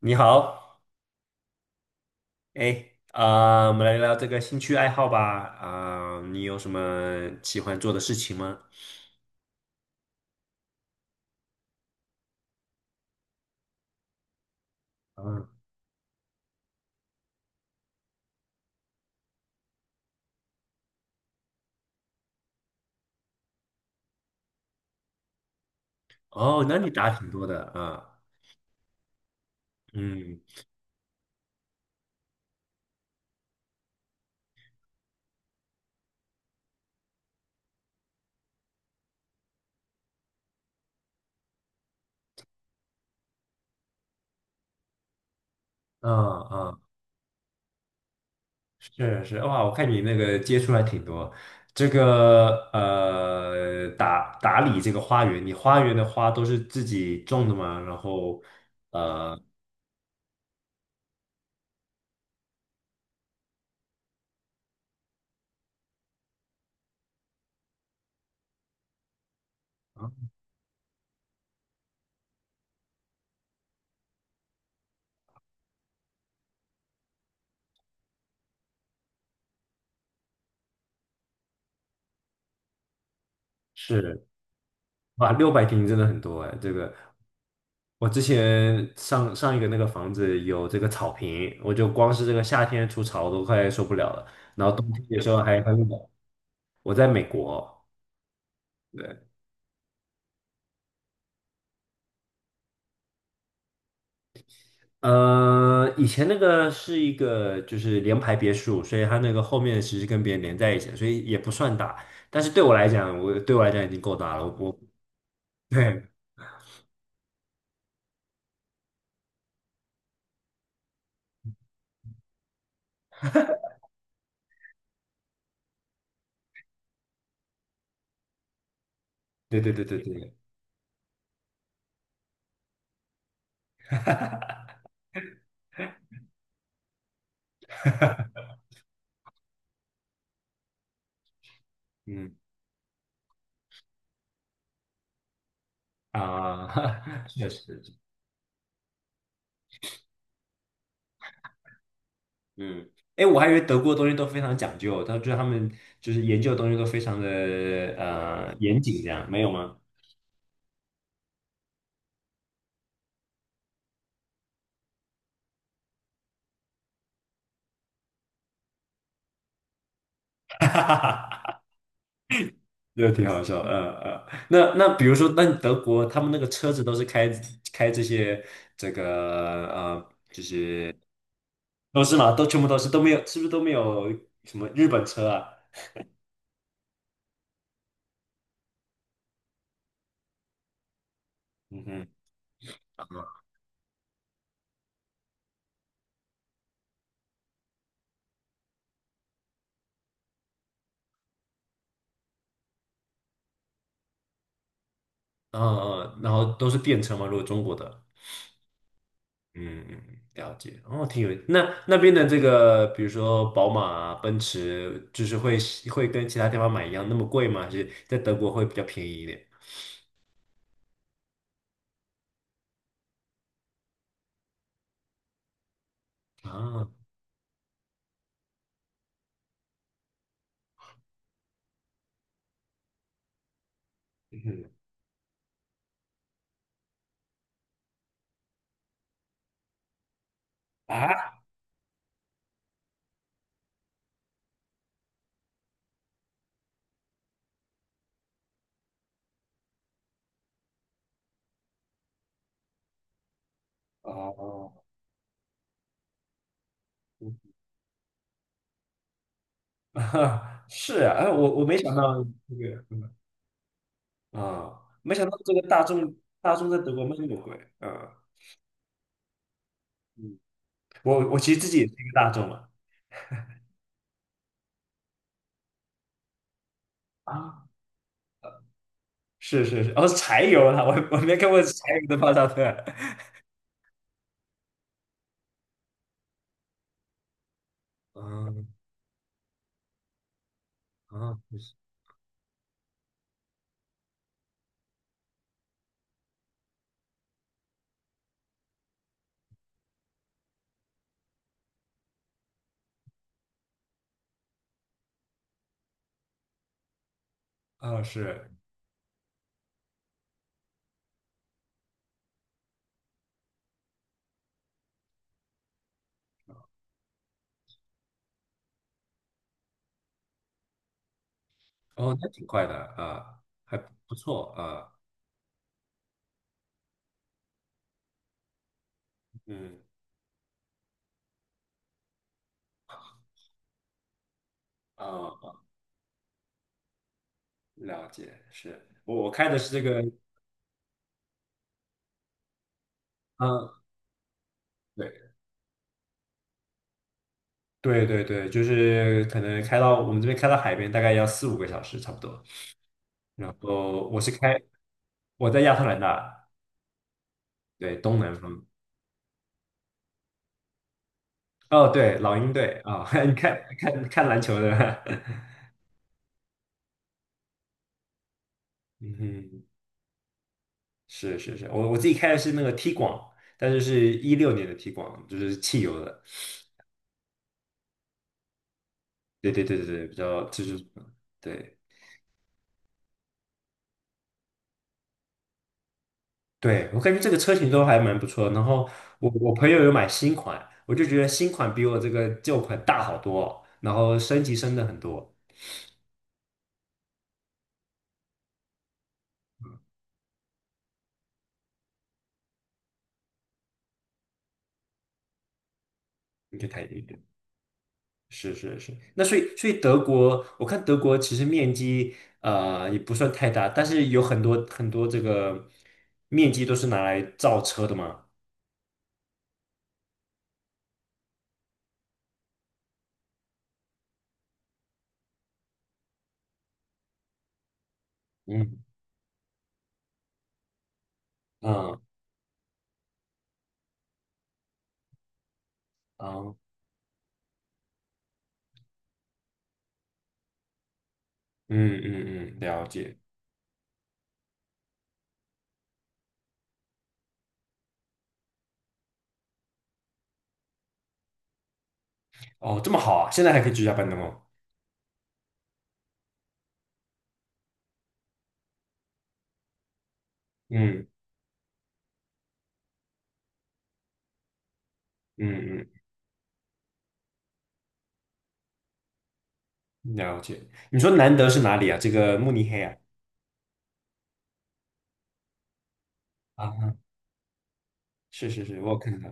你好，哎，啊、我们来聊聊这个兴趣爱好吧。啊、你有什么喜欢做的事情吗？嗯，哦，那你打挺多的啊，嗯，啊啊，是是，哇，我看你那个接触还挺多。这个打理这个花园，你花园的花都是自己种的吗？然后呃，是。哇，600平真的很多哎，这个我之前上上一个那个房子有这个草坪，我就光是这个夏天除草我都快受不了了，然后冬天的时候还很冷。我在美国，对，呃，以前那个是一个就是联排别墅，所以它那个后面其实跟别人连在一起的所以也不算大。但是对我来讲，我对我来讲已经够大了。我 对对对对对对，嗯啊，确实。嗯，哎，我还以为德国的东西都非常讲究，他就是他们就是研究的东西都非常的严谨，这样没有吗？哈哈，个挺好笑。嗯嗯。那比如说，那德国他们那个车子都是开这些这个都是吗？都全部都是都没有，是不是都没有什么日本车啊？嗯哼，嗯嗯，然后都是电车吗？如果中国的？嗯嗯，了解。哦，挺有。那那边的这个，比如说宝马啊、奔驰，就是会跟其他地方买一样那么贵吗？还是在德国会比较便宜一点？啊，嗯啊，哦，是啊，哎，我没想到这个，嗯啊，没想到这个大众在德国卖那么贵，嗯嗯，我其实自己也是一个大众嘛，啊，是是是，哦，柴油啊，我没看过柴油的帕萨特，嗯啊，不是啊，是。哦，那挺快的啊，还不错啊，嗯啊，了解，是我开的是这个，嗯，对对对对，就是可能开到我们这边开到海边大概要四五个小时差不多，然后我是开我在亚特兰大，对东南方，哦对老鹰队啊，你看篮球的，嗯哼，是是是，我自己开的是那个 T 广，但是是16年的 T 广，就是汽油的，对对对对对，比较就是对。对，我感觉这个车型都还蛮不错的然后我朋友有买新款，我就觉得新款比我这个旧款大好多，然后升级升的很多，你就看一点。是是是，那所以德国，我看德国其实面积也不算太大，但是有很多很多这个面积都是拿来造车的嘛。嗯嗯嗯嗯嗯嗯，了解。哦，这么好啊，现在还可以居家办公哦。嗯嗯嗯。了解。你说南德是哪里啊？这个慕尼黑啊？啊，是是是，我有看到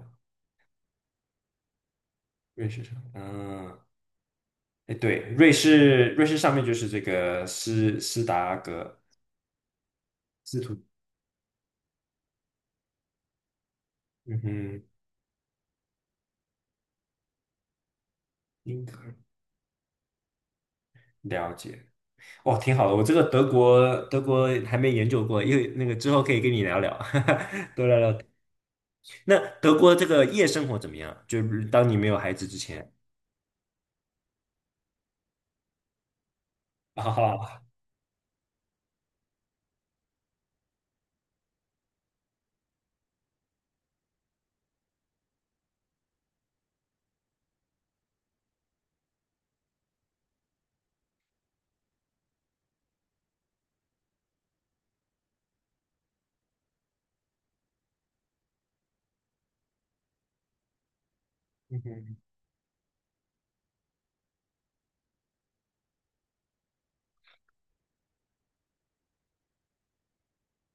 瑞士上，嗯，哎，对，瑞士上面就是这个斯斯达格斯图，嗯哼，英格尔了解。哦，挺好的，我这个德国还没研究过，因为那个之后可以跟你聊聊，多聊聊。那德国这个夜生活怎么样？就是当你没有孩子之前 啊，嗯哼，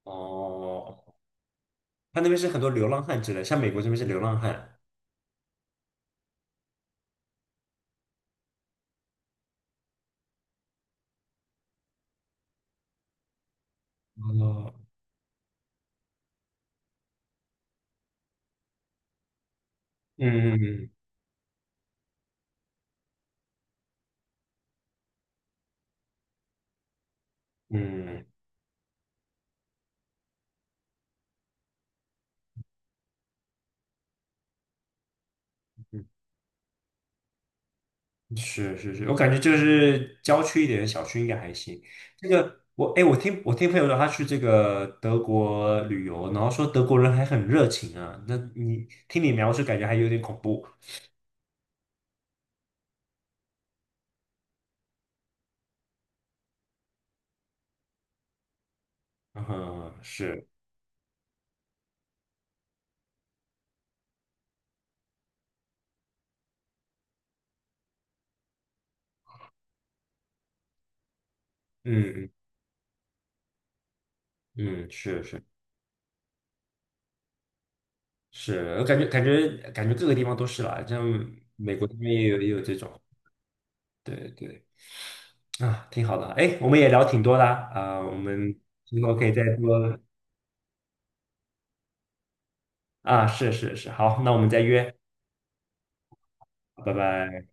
哦，他那边是很多流浪汉之类，像美国这边是流浪汉。哦，嗯嗯嗯，是是是，我感觉就是郊区一点的小区应该还行。这个我哎，我听朋友说他去这个德国旅游，然后说德国人还很热情啊。那你听你描述，感觉还有点恐怖。嗯，是，嗯嗯嗯，是是是，我感觉各个地方都是啦，像美国那边也有这种，对对啊，挺好的。哎，我们也聊挺多的啊，啊我们之后可以再多。啊，是是是，好，那我们再约，拜拜。